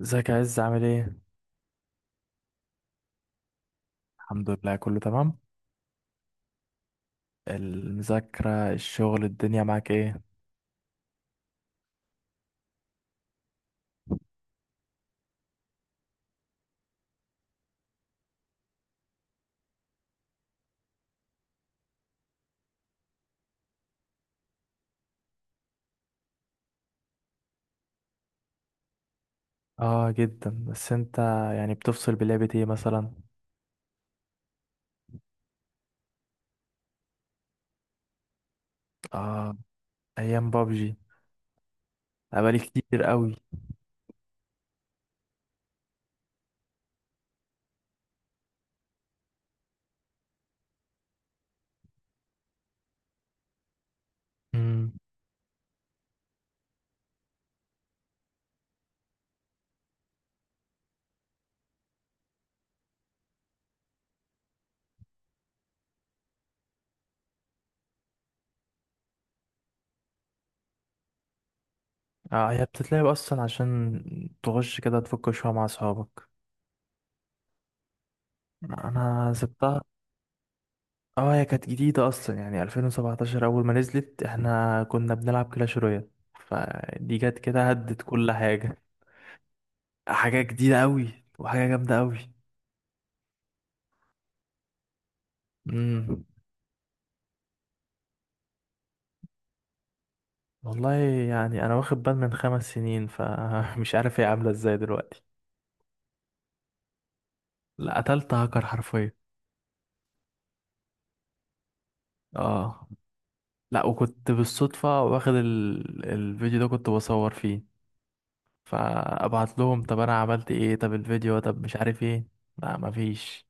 ازيك يا عز، عامل ايه؟ الحمد لله، كله تمام. المذاكرة، الشغل، الدنيا معاك ايه؟ اه جدا. بس انت يعني بتفصل بلعبة ايه مثلا؟ اه، ايام بابجي بقالي كتير قوي. امم اه، هي بتتلعب اصلا عشان تخش كده تفك شوية مع اصحابك. انا سبتها. اه هي كانت جديدة اصلا، يعني 2017 اول ما نزلت احنا كنا بنلعب كلاش رويال، فدي جت كده هدت كل حاجة. حاجة جديدة قوي وحاجة جامدة قوي. والله يعني انا واخد بال من 5 سنين، فمش عارف هي عامله ازاي دلوقتي. لا، قتلت هاكر حرفيا. اه، لا وكنت بالصدفه واخد الفيديو ده، كنت بصور فيه. فابعت لهم طب انا عملت ايه، طب الفيديو، طب مش عارف ايه. لا مفيش.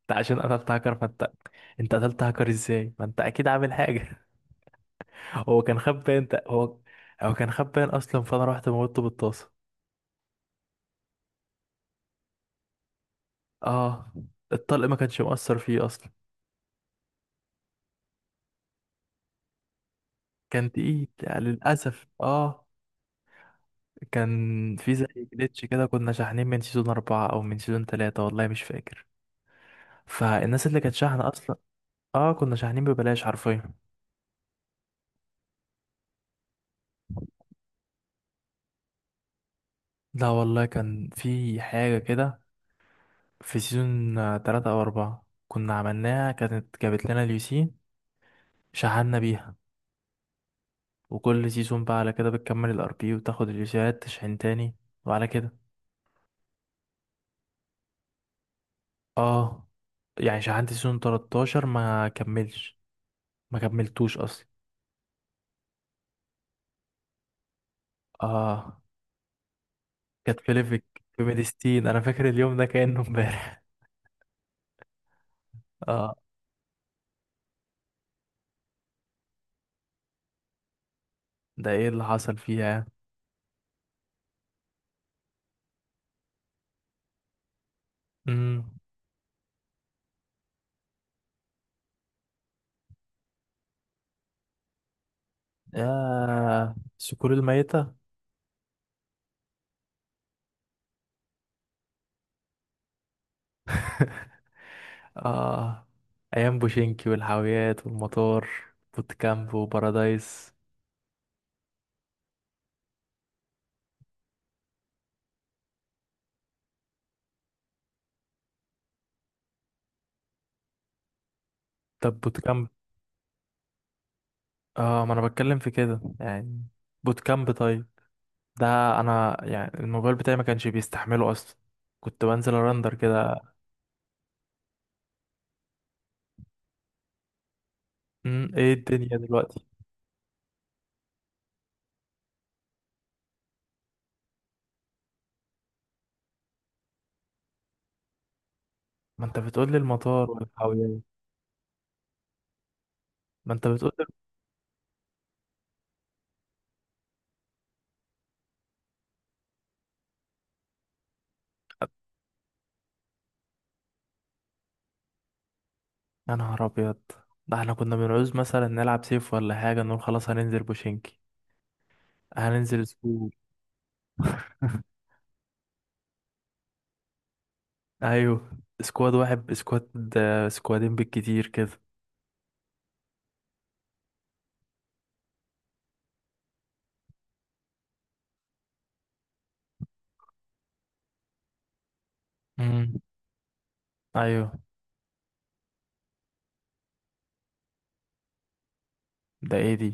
انت عشان قتلت هاكر فانت، انت قتلت هاكر ازاي، ما انت اكيد عامل حاجه. هو كان خبان انت هو. هو كان خبان اصلا، فانا رحت موته بالطاسه. اه، الطلق ما كانش مؤثر فيه اصلا. كان تقيل يعني للأسف، اه. كان في زي جليتش كده، كنا شاحنين من سيزون 4 أو من سيزون 3، والله مش فاكر. فالناس اللي كانت شاحنة أصلا، اه كنا شاحنين ببلاش حرفيا. لا والله كان في حاجة كده. في سيزون تلاتة أو أربعة كنا عملناها، كانت جابت لنا اليوسين، شحنا بيها. وكل سيزون بقى على كده بتكمل الار بي وتاخد اليوسيات تشحن تاني، وعلى كده. اه، يعني شحنت سيزون 13 ما كملش، ما كملتوش اصلا. اه. كانت في ليفك، في ميديستين. انا فاكر اليوم ده كأنه امبارح. اه. ده ايه اللي حصل فيها؟ امم يا الصقور الميتة. اه، ايام بوشينكي والحاويات والمطار، بوتكامب وبارادايس. طب بوتكامب؟ اه ما انا بتكلم في كده يعني. بوتكامب، طيب. ده انا يعني الموبايل بتاعي ما كانش بيستحمله اصلا، كنت بنزل ارندر كده. ايه الدنيا دلوقتي؟ ما انت بتقول لي المطار والحاويات. ما انت بتقول. يا نهار ابيض. ده احنا كنا بنعوز مثلا نلعب سيف ولا حاجه نقول خلاص هننزل بوشينكي. هننزل سكواد. ايوه، سكواد واحد، سكواد سكوادين بالكتير كده. امم ايوه. ده ايه دي؟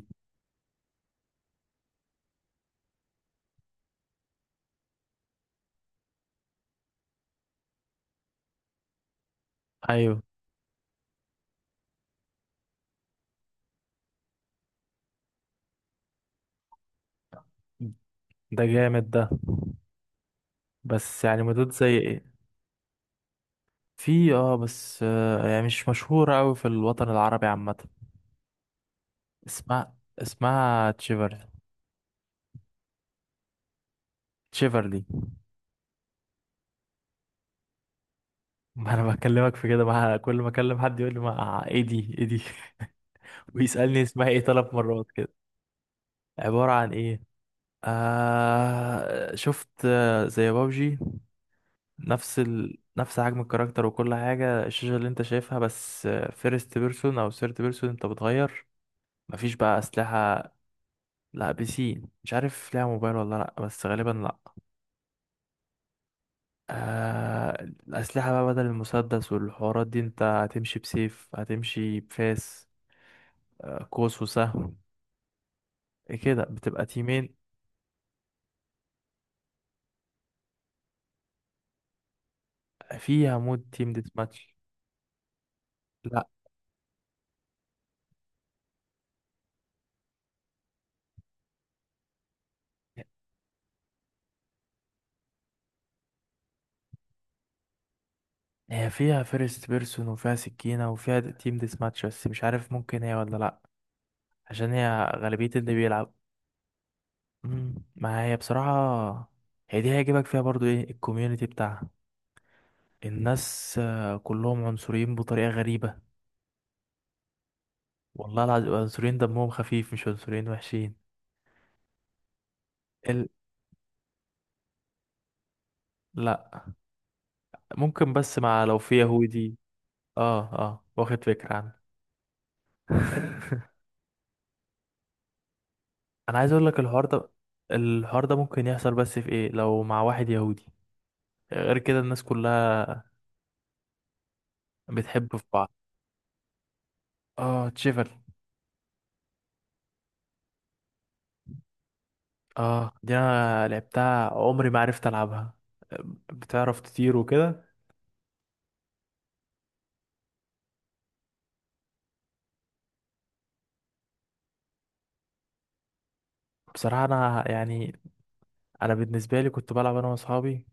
ايوه. ده جامد ده. بس يعني مدود زي ايه؟ في، اه بس يعني مش مشهوره قوي في الوطن العربي عامه. اسمها، تشيفر. تشيفرلي. ما انا بكلمك في كده. ما كل ما اكلم حد يقول لي ما ايه دي ايه دي. ويسالني اسمها ايه 3 مرات. عبارة عن ايه؟ آه شفت زي بابجي. نفس حجم الكاركتر وكل حاجة، الشاشة اللي انت شايفها بس. فيرست بيرسون او ثيرد بيرسون انت بتغير. مفيش بقى اسلحة. لا بي سي، مش عارف ليها موبايل ولا لا، بس غالبا لا. آه. الاسلحة بقى بدل المسدس والحوارات دي، انت هتمشي بسيف، هتمشي بفاس، آه قوس وسهم، إيه كده. بتبقى تيمين. فيها مود تيم ديت ماتش. لا، هي فيها فيرست بيرسون وفيها سكينة وفيها تيم ديس ماتش، بس مش عارف ممكن هي ولا لأ، عشان هي غالبية اللي بيلعب. ما هي بصراحة، هي دي هيجيبك فيها برضو ايه الكوميونتي بتاعها. الناس كلهم عنصريين بطريقة غريبة. والله العظيم عنصريين دمهم خفيف، مش عنصريين وحشين. ال... لأ. ممكن، بس مع لو في يهودي. اه اه، واخد فكرة عنه. انا عايز اقول لك، الحوار ده ممكن يحصل، بس في ايه لو مع واحد يهودي. غير كده الناس كلها بتحب في بعض. اه، تشيفل. اه دي انا لعبتها، عمري ما عرفت العبها. بتعرف تطير وكده. بصراحة انا يعني، انا بالنسبة لي كنت بلعب انا واصحابي.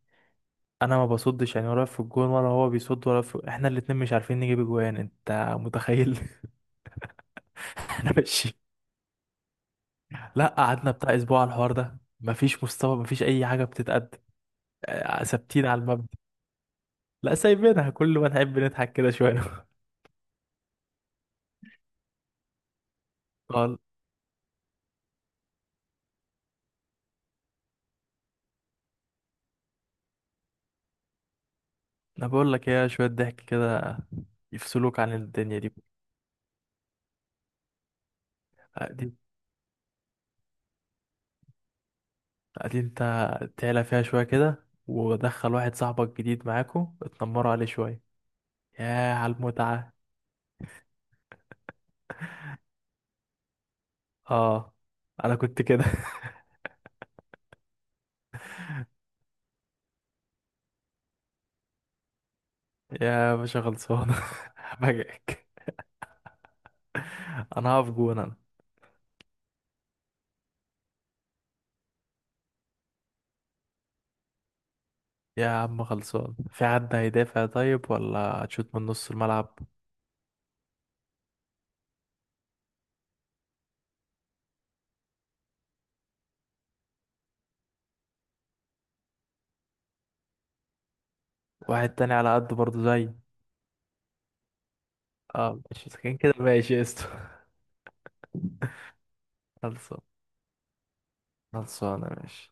انا ما بصدش يعني، ولا في الجون ولا هو بيصد، ولا في احنا الاتنين مش عارفين نجيب جوان. انت متخيل؟ احنا ماشيين. لا، قعدنا بتاع اسبوع على الحوار ده، مفيش مستوى، مفيش اي حاجة بتتقدم. آه، ثابتين على المبدأ. لا، سايبينها كل ما نحب نضحك كده شوية. انا بقول لك ايه، شويه ضحك كده يفصلوك عن الدنيا دي. قاعدين قاعدين انت تعلى فيها شويه كده، ودخل واحد صاحبك جديد معاكو اتنمروا عليه شويه. ياه على المتعه. اه انا كنت كده. يا باشا خلصان. بجاك. انا هقف جون انا. يا عم خلصان، في حد هيدافع طيب ولا هتشوت من نص الملعب؟ واحد تاني على قده برضه زي. اه، مش ساكن كده، ماشي قشطة. خلصان. خلصانه، ماشي.